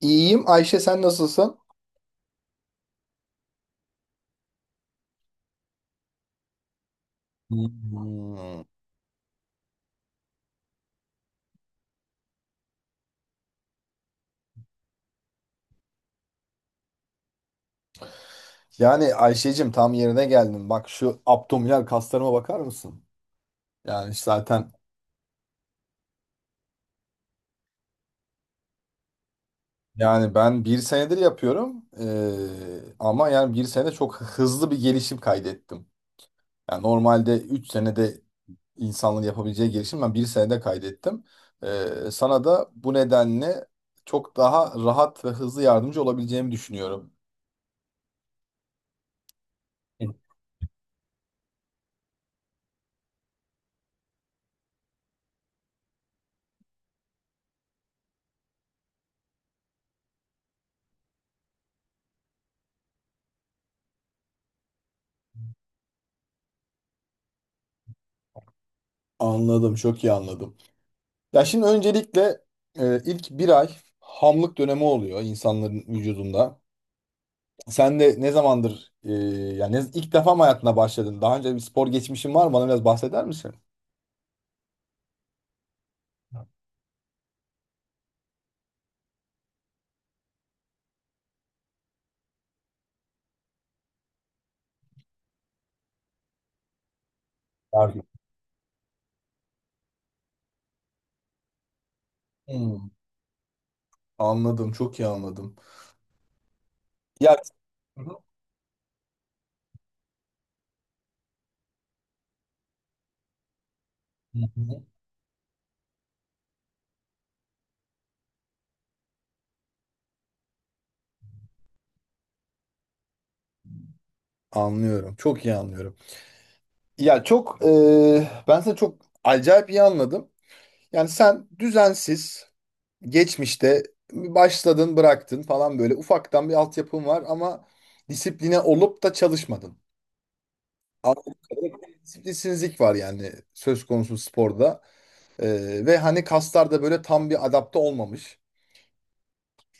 İyiyim. Ayşe sen nasılsın? Hmm. Yani Ayşe'cim tam yerine geldin. Bak şu abdominal kaslarıma bakar mısın? Yani zaten. Yani ben bir senedir yapıyorum. Ama yani bir sene çok hızlı bir gelişim kaydettim. Yani normalde 3 senede insanların yapabileceği gelişim ben bir senede kaydettim. Sana da bu nedenle çok daha rahat ve hızlı yardımcı olabileceğimi düşünüyorum. Evet. Anladım, çok iyi anladım. Ya şimdi öncelikle ilk bir ay hamlık dönemi oluyor insanların vücudunda. Sen de ne zamandır yani ilk defa mı hayatına başladın? Daha önce bir spor geçmişin var mı? Bana biraz bahseder misin? Var. Hmm, Anladım, çok iyi anladım. Ya. Hı hı. Anlıyorum, çok iyi anlıyorum. Ya çok ben seni çok acayip iyi anladım. Yani sen düzensiz geçmişte başladın, bıraktın falan, böyle ufaktan bir altyapın var ama disipline olup da çalışmadın. Anladığım kadarıyla bir disiplinsizlik var, yani söz konusu sporda. Ve hani kaslar da böyle tam bir adapte olmamış.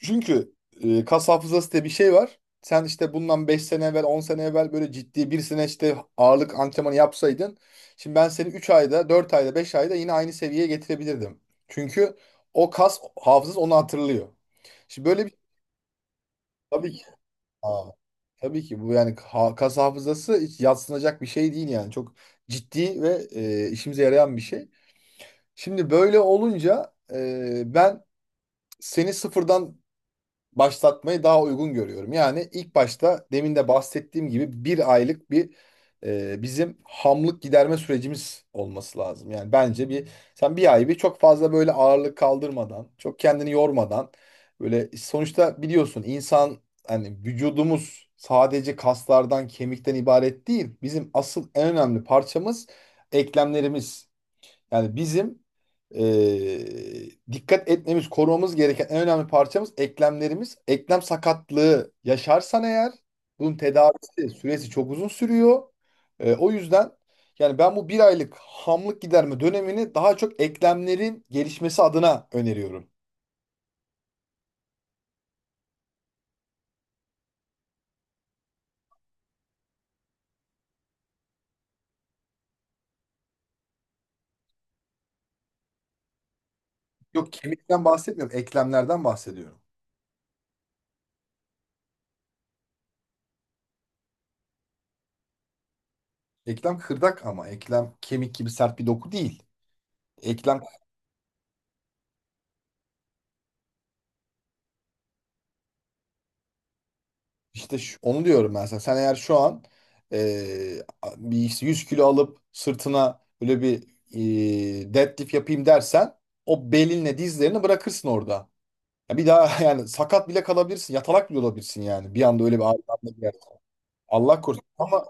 Çünkü kas hafızası diye bir şey var. Sen işte bundan 5 sene evvel, 10 sene evvel böyle ciddi bir sene işte ağırlık antrenmanı yapsaydın, şimdi ben seni 3 ayda, 4 ayda, 5 ayda yine aynı seviyeye getirebilirdim. Çünkü o kas hafızası onu hatırlıyor. Şimdi böyle bir şey, tabii ki. Aa, tabii ki bu, yani kas hafızası hiç yadsınacak bir şey değil yani. Çok ciddi ve işimize yarayan bir şey. Şimdi böyle olunca ben seni sıfırdan başlatmayı daha uygun görüyorum. Yani ilk başta demin de bahsettiğim gibi bir aylık bir, bizim hamlık giderme sürecimiz olması lazım. Yani bence bir. Sen bir ay bir çok fazla böyle ağırlık kaldırmadan, çok kendini yormadan, böyle sonuçta biliyorsun, insan hani vücudumuz sadece kaslardan, kemikten ibaret değil. Bizim asıl en önemli parçamız eklemlerimiz. Yani bizim dikkat etmemiz, korumamız gereken en önemli parçamız eklemlerimiz. Eklem sakatlığı yaşarsan eğer, bunun tedavisi süresi çok uzun sürüyor. O yüzden, yani ben bu bir aylık hamlık giderme dönemini daha çok eklemlerin gelişmesi adına öneriyorum. Yok, kemikten bahsetmiyorum, eklemlerden bahsediyorum. Eklem kırdak ama eklem kemik gibi sert bir doku değil. Eklem İşte onu diyorum ben sana. Sen eğer şu an eee, bir 100 kilo alıp sırtına böyle bir deadlift yapayım dersen, o belinle dizlerini bırakırsın orada. Ya bir daha yani sakat bile kalabilirsin. Yatalak bile olabilirsin yani. Bir anda öyle bir ağrı bir yer. Allah korusun. Ama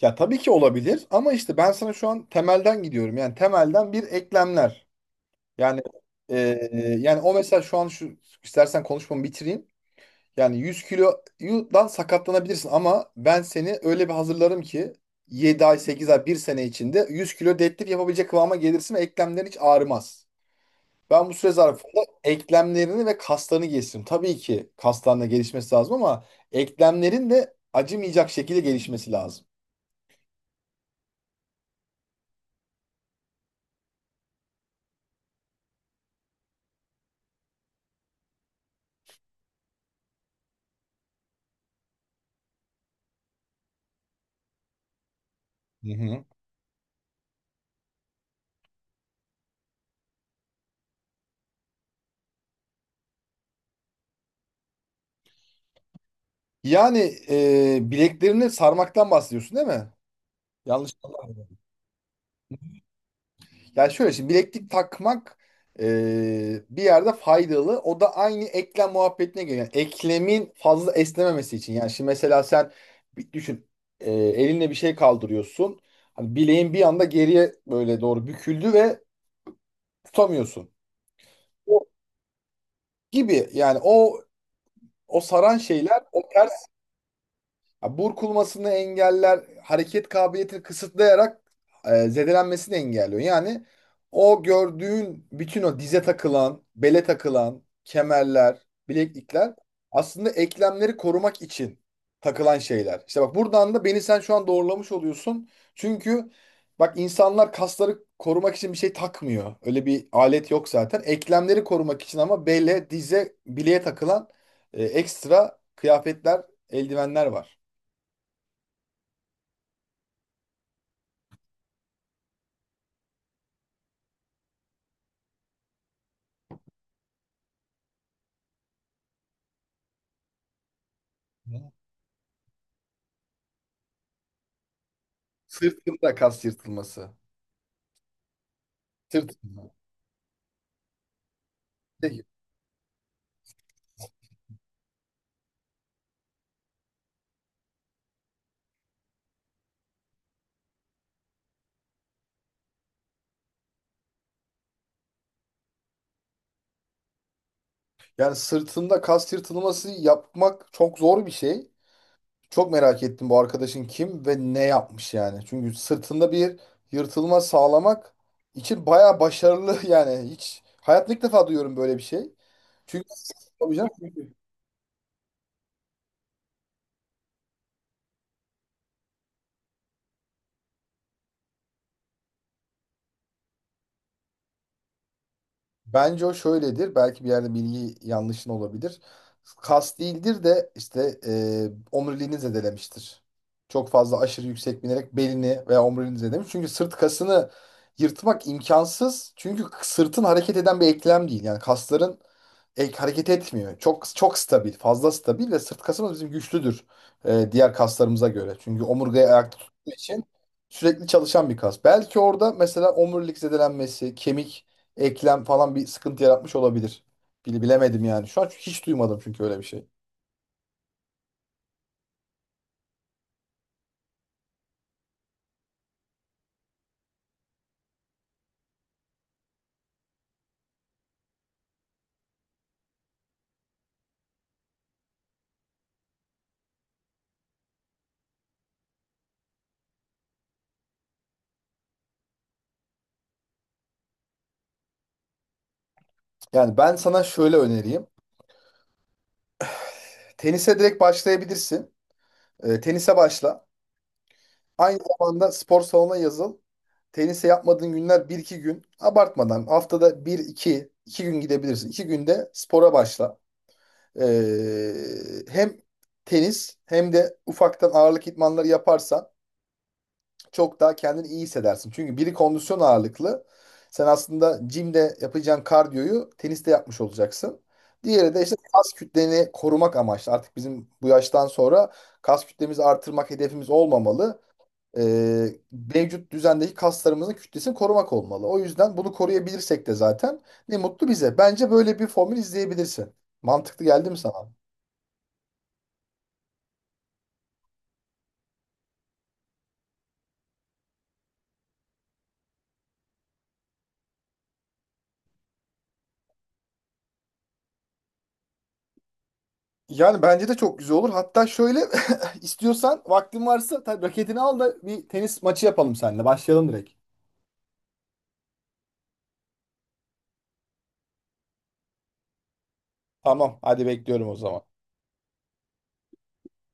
ya tabii ki olabilir ama işte ben sana şu an temelden gidiyorum. Yani temelden bir eklemler. Yani yani o mesela şu an şu, istersen konuşmamı bitireyim. Yani 100 kilodan sakatlanabilirsin ama ben seni öyle bir hazırlarım ki 7 ay, 8 ay, bir sene içinde 100 kilo deadlift yapabilecek kıvama gelirsin ve eklemlerin hiç ağrımaz. Ben bu süre zarfında eklemlerini ve kaslarını geliştiririm. Tabii ki kaslarında gelişmesi lazım ama eklemlerin de acımayacak şekilde gelişmesi lazım. Hı hı. Yani bileklerini sarmaktan bahsediyorsun, değil mi? Yanlış. Yani şöyle, şimdi bileklik takmak bir yerde faydalı. O da aynı eklem muhabbetine geliyor. Yani eklemin fazla esnememesi için. Yani şimdi mesela sen bir düşün, elinle bir şey kaldırıyorsun. Hani bileğin bir anda geriye böyle doğru büküldü ve tutamıyorsun. O gibi, yani o saran şeyler o. Ya, burkulmasını engeller, hareket kabiliyetini kısıtlayarak zedelenmesini engelliyor. Yani o gördüğün bütün o dize takılan, bele takılan kemerler, bileklikler aslında eklemleri korumak için takılan şeyler. İşte bak, buradan da beni sen şu an doğrulamış oluyorsun. Çünkü bak, insanlar kasları korumak için bir şey takmıyor. Öyle bir alet yok zaten. Eklemleri korumak için ama bele, dize, bileğe takılan ekstra kıyafetler, eldivenler var. Sırtında kas yırtılması. Sırtında. Peki. Yani sırtında kas yırtılması yapmak çok zor bir şey. Çok merak ettim bu arkadaşın kim ve ne yapmış yani. Çünkü sırtında bir yırtılma sağlamak için bayağı başarılı yani. Hiç hayatımda ilk defa duyuyorum böyle bir şey. Çünkü Tabii canım. Bence o şöyledir. Belki bir yerde bilgi yanlışın olabilir. Kas değildir de işte omuriliğini zedelemiştir. Çok fazla aşırı yüksek binerek belini veya omuriliğini zedelemiş. Çünkü sırt kasını yırtmak imkansız. Çünkü sırtın hareket eden bir eklem değil. Yani kasların hareket etmiyor. Çok çok stabil, fazla stabil ve sırt kasımız bizim güçlüdür diğer kaslarımıza göre. Çünkü omurgayı ayakta tuttuğu için sürekli çalışan bir kas. Belki orada mesela omurilik zedelenmesi, kemik eklem falan bir sıkıntı yaratmış olabilir. Bilemedim yani. Şu an hiç duymadım çünkü öyle bir şey. Yani ben sana şöyle öneriyim. Tenise direkt başlayabilirsin. Tenise başla. Aynı zamanda spor salonuna yazıl. Tenise yapmadığın günler bir iki gün. Abartmadan haftada bir iki gün gidebilirsin. 2 günde spora başla. Hem tenis hem de ufaktan ağırlık idmanları yaparsan çok daha kendini iyi hissedersin. Çünkü biri kondisyon ağırlıklı. Sen aslında jimde yapacağın kardiyoyu teniste yapmış olacaksın. Diğeri de işte kas kütleni korumak amaçlı. Artık bizim bu yaştan sonra kas kütlemizi artırmak hedefimiz olmamalı. Ee, Mevcut düzendeki kaslarımızın kütlesini korumak olmalı. O yüzden bunu koruyabilirsek de zaten ne mutlu bize. Bence böyle bir formül izleyebilirsin. Mantıklı geldi mi sana? Yani bence de çok güzel olur. Hatta şöyle istiyorsan vaktin varsa tabii raketini al da bir tenis maçı yapalım seninle. Başlayalım direkt. Tamam, hadi bekliyorum o zaman.